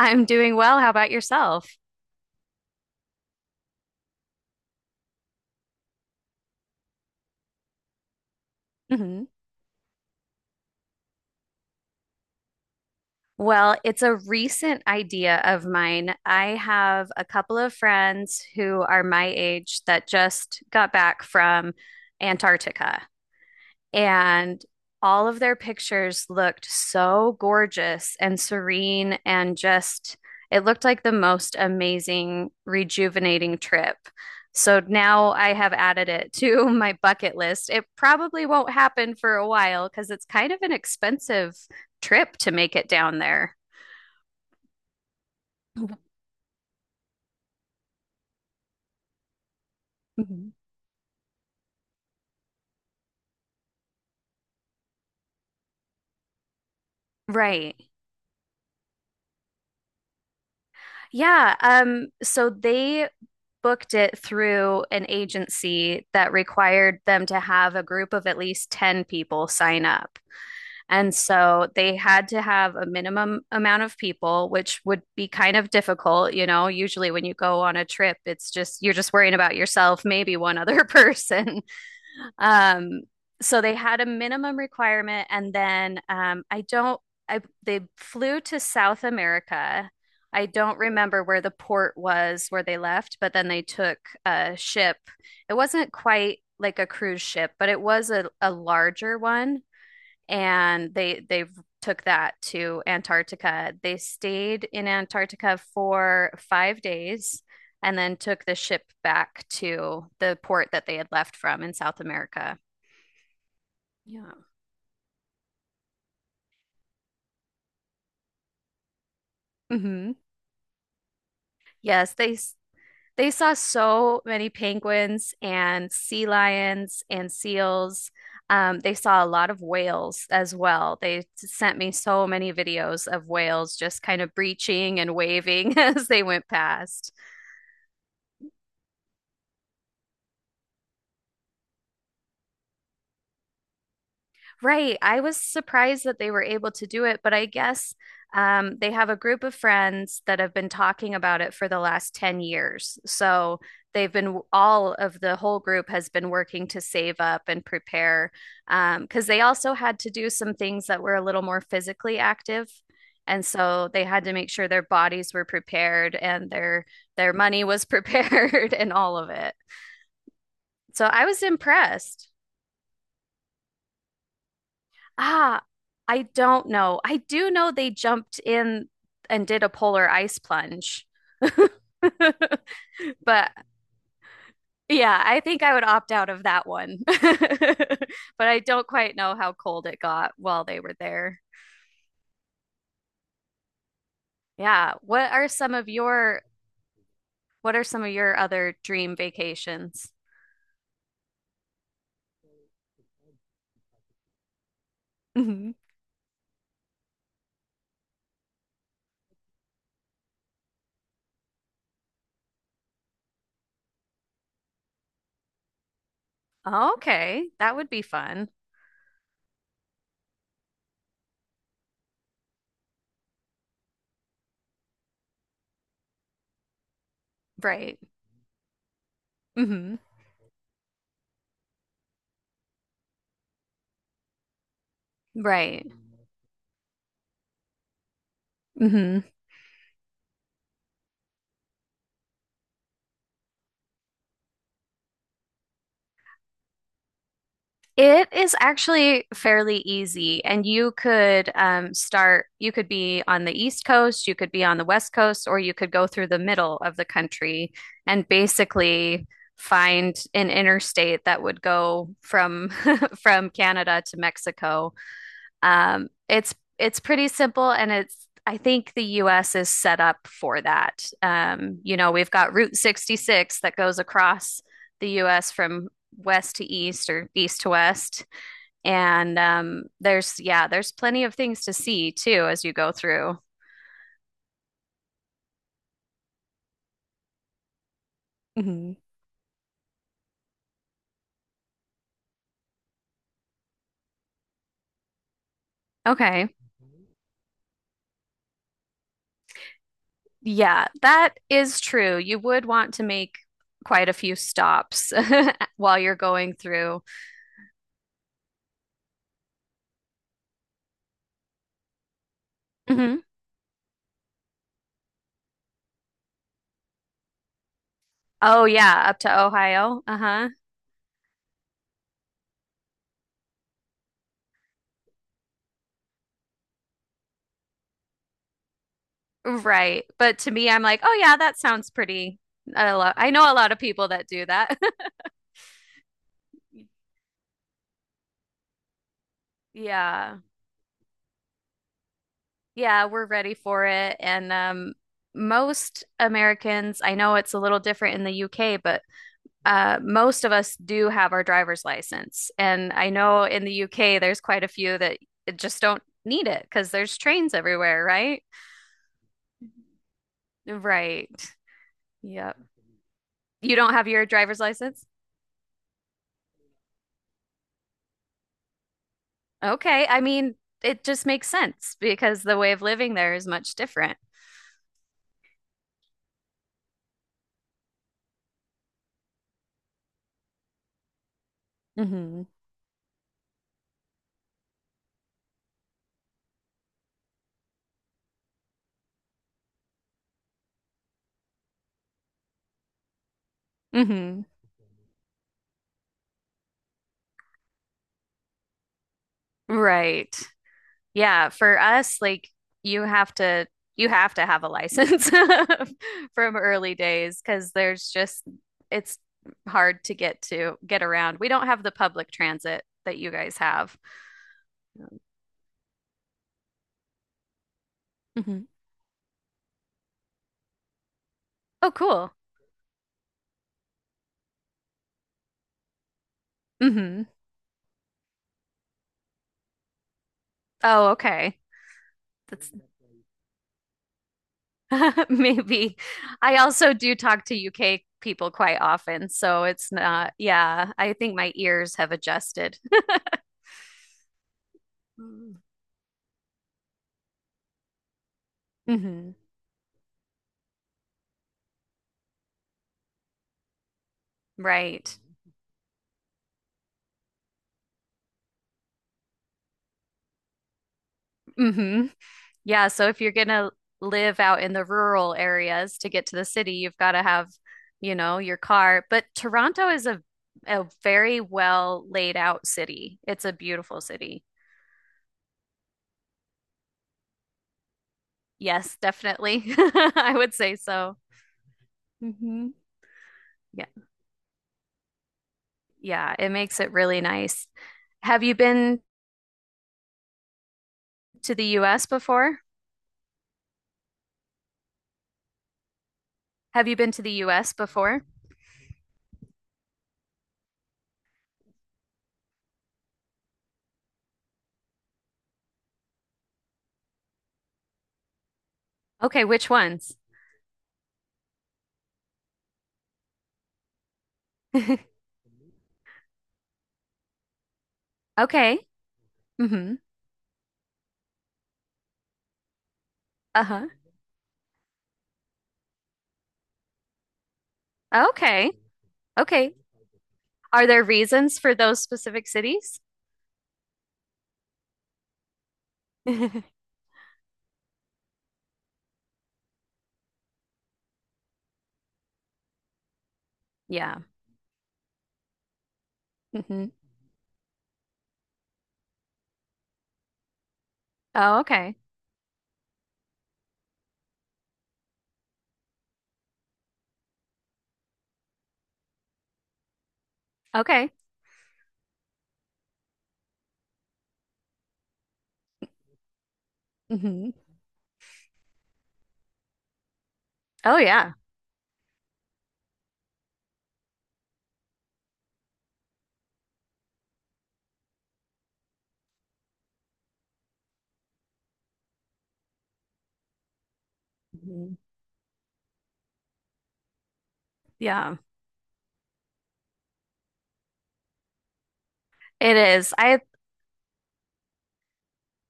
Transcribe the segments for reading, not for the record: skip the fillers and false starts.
I'm doing well. How about yourself? Hmm Well, it's a recent idea of mine. I have a couple of friends who are my age that just got back from Antarctica, and all of their pictures looked so gorgeous and serene and just it looked like the most amazing rejuvenating trip. So now I have added it to my bucket list. It probably won't happen for a while because it's kind of an expensive trip to make it down there. Mhm. Right. Yeah, so they booked it through an agency that required them to have a group of at least 10 people sign up. And so they had to have a minimum amount of people, which would be kind of difficult. You know, usually when you go on a trip, it's just you're just worrying about yourself, maybe one other person. Um, so they had a minimum requirement, and then I don't. I they flew to South America. I don't remember where the port was where they left, but then they took a ship. It wasn't quite like a cruise ship, but it was a larger one, and they took that to Antarctica. They stayed in Antarctica for 5 days and then took the ship back to the port that they had left from in South America. Yeah. hmm Yes, they saw so many penguins and sea lions and seals. They saw a lot of whales as well. They sent me so many videos of whales just kind of breaching and waving as they went past. Right. I was surprised that they were able to do it, but I guess they have a group of friends that have been talking about it for the last 10 years. So they've been, all of the whole group has been working to save up and prepare because they also had to do some things that were a little more physically active. And so they had to make sure their bodies were prepared and their money was prepared and all of it. So I was impressed. Ah, I don't know. I do know they jumped in and did a polar ice plunge. But yeah, I think I would opt out of that one. But I don't quite know how cold it got while they were there. Yeah. What are some of your other dream vacations? Mhm. Okay, that would be fun. Right. hmm Right. Mm-hmm. It is actually fairly easy, and you could start. You could be on the East Coast, you could be on the West Coast, or you could go through the middle of the country and basically find an interstate that would go from from Canada to Mexico. It's pretty simple, and it's I think the U.S. is set up for that. You know, we've got Route 66 that goes across the U.S. from west to east or east to west, and there's yeah, there's plenty of things to see too as you go through. Mhm. Okay. Yeah, that is true. You would want to make quite a few stops while you're going through. Hmm Oh, yeah, up to Ohio. Uh-huh. Right. But to me, I'm like, oh yeah, that sounds pretty. I know a lot of people that do that. Yeah. Yeah, we're ready for it. And Most Americans, I know it's a little different in the UK, but most of us do have our driver's license. And I know in the UK there's quite a few that just don't need it because there's trains everywhere, right? Right. Yep. You don't have your driver's license? Okay, I mean, it just makes sense because the way of living there is much different. Hmm hmm Right. Yeah, for us, like you have to you have to have a license from early days because there's just it's hard to get around. We don't have the public transit that you guys have. Hmm Oh, cool. hmm Oh, okay. That's maybe. I also do talk to UK people quite often, so it's not, yeah, I think my ears have adjusted. Hmm Right. hmm Yeah, so if you're gonna live out in the rural areas to get to the city, you've got to have, you know, your car. But Toronto is a very well laid out city. It's a beautiful city. Yes, definitely. I would say so. Hmm Yeah. Yeah, it makes it really nice. Have you been to the US before? Have you been to the US before? Okay, which ones? Okay. Mm-hmm. Uh-huh. Okay. Okay. Are there reasons for those specific cities? Yeah. hmm Oh, okay. Okay. hmm Oh, yeah. hmm Yeah. It is. I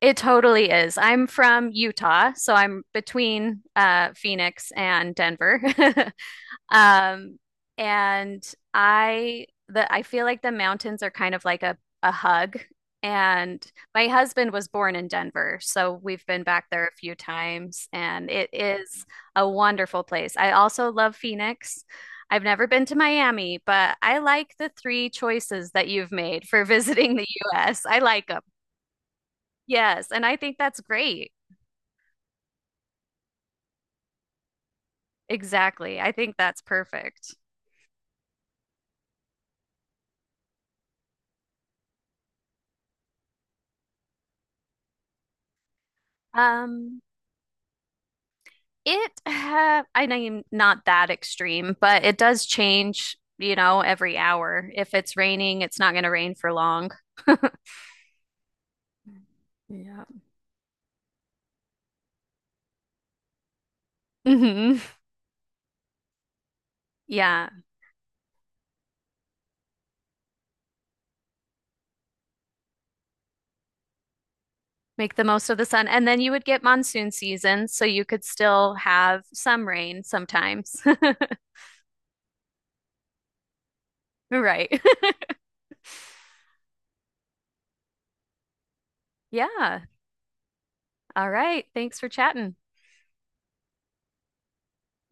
It totally is. I'm from Utah, so I'm between Phoenix and Denver. Um, and I the I feel like the mountains are kind of like a hug. And my husband was born in Denver, so we've been back there a few times, and it is a wonderful place. I also love Phoenix. I've never been to Miami, but I like the three choices that you've made for visiting the US. I like them. Yes, and I think that's great. Exactly. I think that's perfect. Um, It I mean, not that extreme, but it does change, you know, every hour. If it's raining, it's not going to rain for long. Yeah. hmm Yeah, make the most of the sun. And then you would get monsoon season, so you could still have some rain sometimes. Right. Yeah. All right. Thanks for chatting.